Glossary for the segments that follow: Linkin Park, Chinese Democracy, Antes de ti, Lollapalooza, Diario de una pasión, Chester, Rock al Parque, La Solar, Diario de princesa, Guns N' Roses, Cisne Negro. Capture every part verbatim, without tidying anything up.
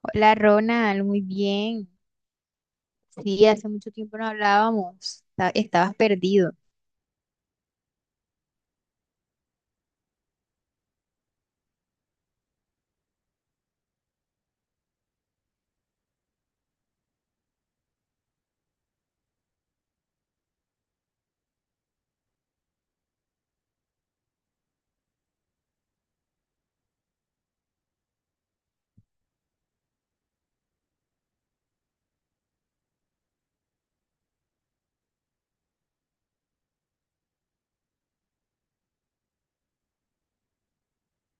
Hola Ronald, muy bien. Sí, hace mucho tiempo no hablábamos. Esta- Estabas perdido.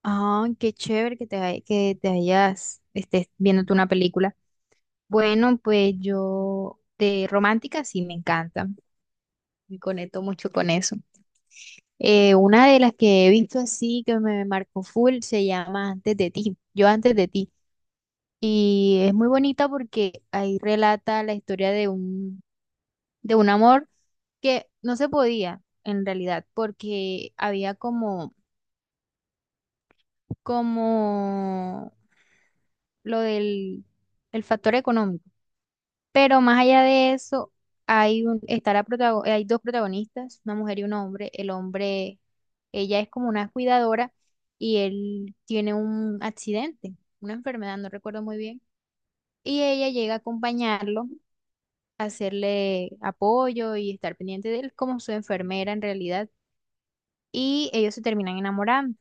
Ah, qué chévere que te, hay- que te hayas, estés viéndote una película. Bueno, pues yo de romántica sí me encanta. Me conecto mucho con eso. Eh, una de las que he visto así que me marcó full se llama Antes de ti. Yo antes de ti. Y es muy bonita porque ahí relata la historia de un de un amor que no se podía en realidad, porque había como, como lo del el factor económico. Pero más allá de eso, hay un, está la protago- hay dos protagonistas, una mujer y un hombre. El hombre, ella es como una cuidadora y él tiene un accidente, una enfermedad, no recuerdo muy bien. Y ella llega a acompañarlo, a hacerle apoyo y estar pendiente de él como su enfermera en realidad. Y ellos se terminan enamorando.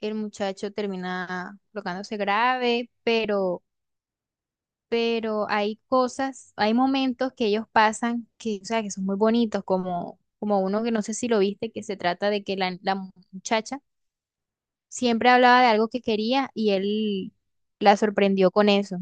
El muchacho termina colocándose grave, pero, pero hay cosas, hay momentos que ellos pasan que, o sea, que son muy bonitos, como, como uno que no sé si lo viste, que se trata de que la, la muchacha siempre hablaba de algo que quería y él la sorprendió con eso.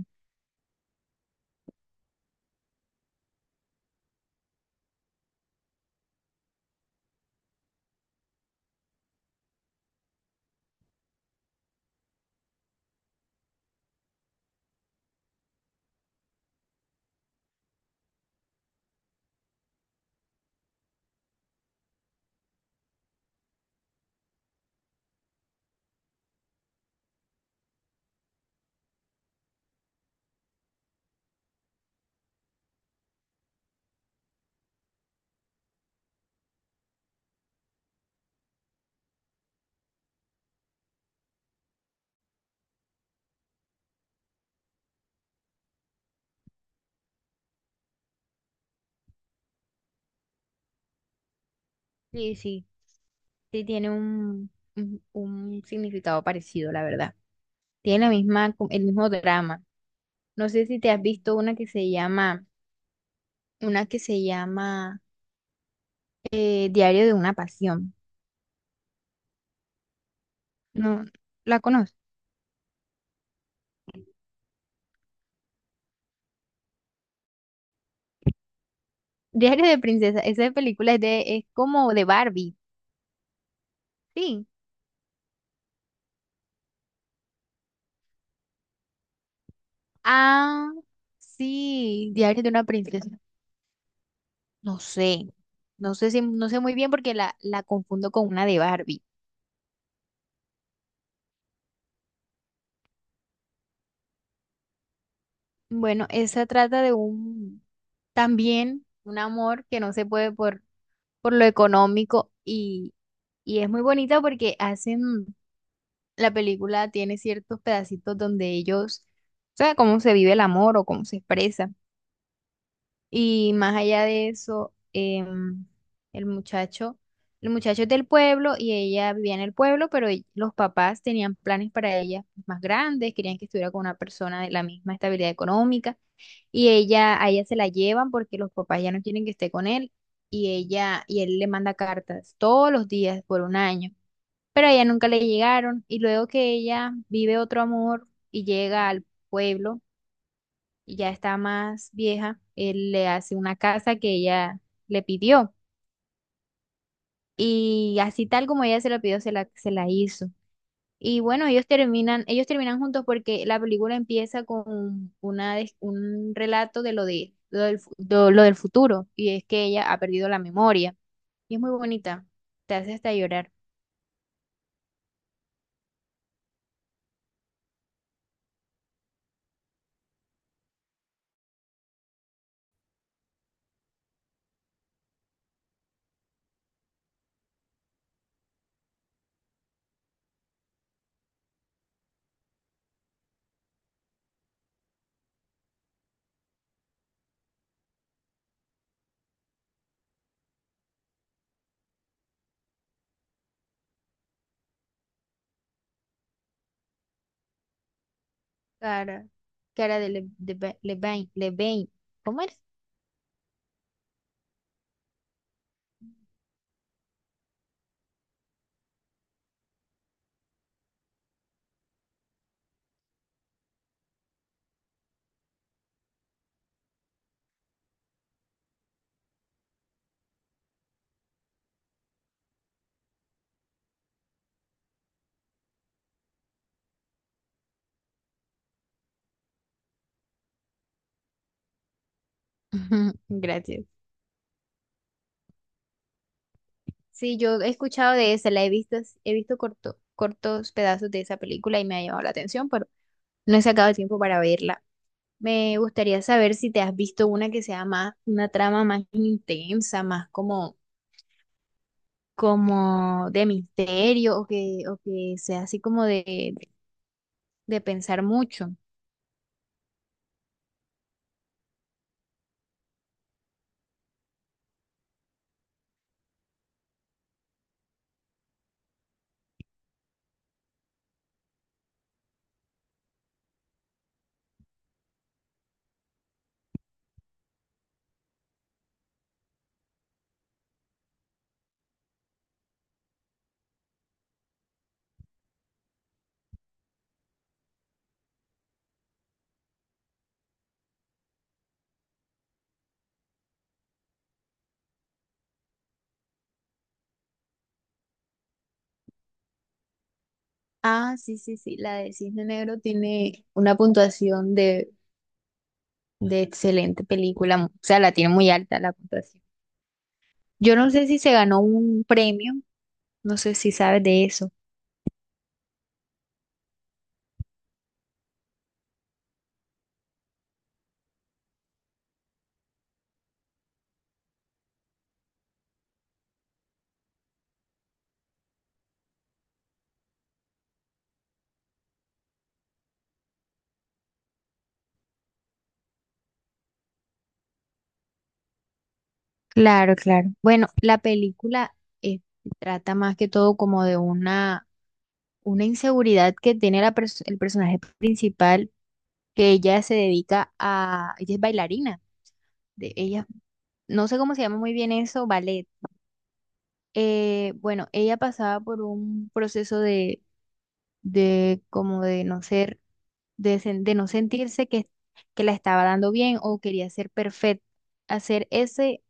Sí, sí, sí tiene un, un, un significado parecido, la verdad. Tiene la misma, el mismo drama. No sé si te has visto una que se llama, una que se llama eh, Diario de una pasión. No, la conozco. Diario de princesa. Esa película es de, es como de Barbie. Sí. Ah, sí. Diario de una princesa. No sé. No sé si, no sé muy bien porque la, la confundo con una de Barbie. Bueno, esa trata de un, también un amor que no se puede por, por lo económico y, y es muy bonita porque hacen, la película tiene ciertos pedacitos donde ellos, o sea, cómo se vive el amor o cómo se expresa. Y más allá de eso, em, el muchacho, el muchacho es del pueblo y ella vivía en el pueblo, pero ell- los papás tenían planes para ella más grandes, querían que estuviera con una persona de la misma estabilidad económica y ella, a ella se la llevan porque los papás ya no quieren que esté con él y ella y él le manda cartas todos los días por un año, pero a ella nunca le llegaron y luego que ella vive otro amor y llega al pueblo y ya está más vieja, él le hace una casa que ella le pidió. Y así tal como ella se la pidió, se la, se la hizo. Y bueno, ellos terminan, ellos terminan juntos porque la película empieza con una, des- un relato de lo de, lo del, fu- de lo del futuro. Y es que ella ha perdido la memoria. Y es muy bonita. Te hace hasta llorar. Cara, cara de Le- de Ba- Levain, Levain. ¿Cómo eres? Gracias. Sí, yo he escuchado de esa, la he visto, he visto corto- cortos pedazos de esa película y me ha llamado la atención, pero no he sacado tiempo para verla. Me gustaría saber si te has visto una que sea más, una trama más intensa, más como, como de misterio o que, o que sea así como de, de pensar mucho. Ah, sí, sí, sí, la de Cisne Negro tiene una puntuación de, de excelente película, o sea, la tiene muy alta la puntuación. Yo no sé si se ganó un premio. No sé si sabes de eso. Claro, claro. Bueno, la película eh, trata más que todo como de una, una inseguridad que tiene la pers- el personaje principal, que ella se dedica a, ella es bailarina, de, ella, no sé cómo se llama muy bien eso, ballet. Eh, bueno, ella pasaba por un proceso de, de como de no ser, de, sen- de no sentirse que, que la estaba dando bien o quería ser perfecta, hacer ese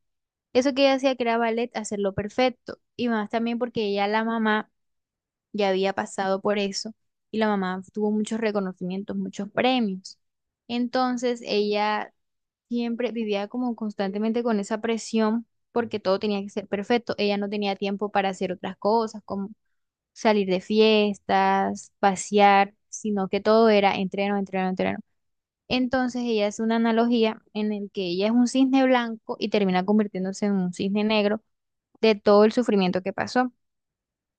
eso que ella hacía que era ballet, hacerlo perfecto. Y más también porque ella, la mamá, ya había pasado por eso y la mamá tuvo muchos reconocimientos, muchos premios. Entonces ella siempre vivía como constantemente con esa presión porque todo tenía que ser perfecto. Ella no tenía tiempo para hacer otras cosas como salir de fiestas, pasear, sino que todo era entreno, entreno, entreno. Entonces ella hace una analogía en el que ella es un cisne blanco y termina convirtiéndose en un cisne negro de todo el sufrimiento que pasó.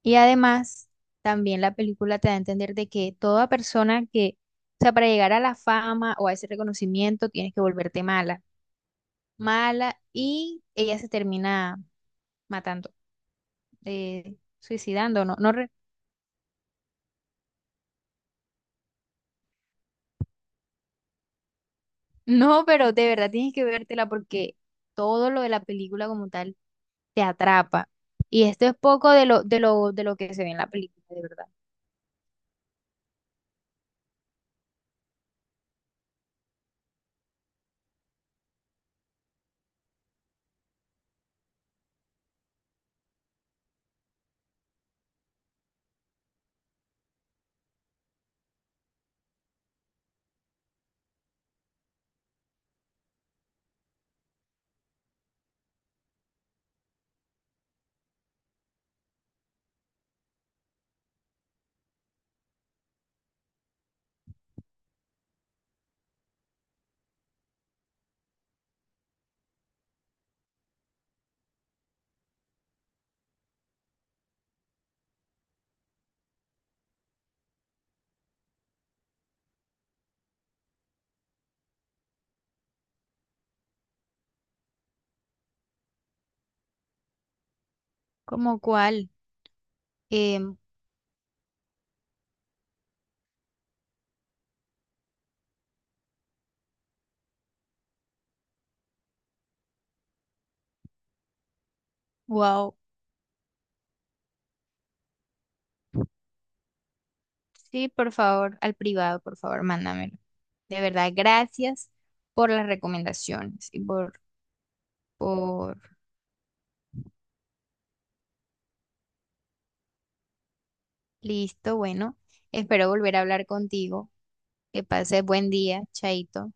Y además, también la película te da a entender de que toda persona que, o sea, para llegar a la fama o a ese reconocimiento, tienes que volverte mala, mala, y ella se termina matando, eh, suicidando, no, no, re- no, pero de verdad tienes que vértela porque todo lo de la película como tal te atrapa. Y esto es poco de lo, de lo, de lo que se ve en la película, de verdad. Como cual, wow. Sí, por favor, al privado, por favor, mándamelo. De verdad, gracias por las recomendaciones y por, por... Listo, bueno, espero volver a hablar contigo. Que pases buen día, Chaito.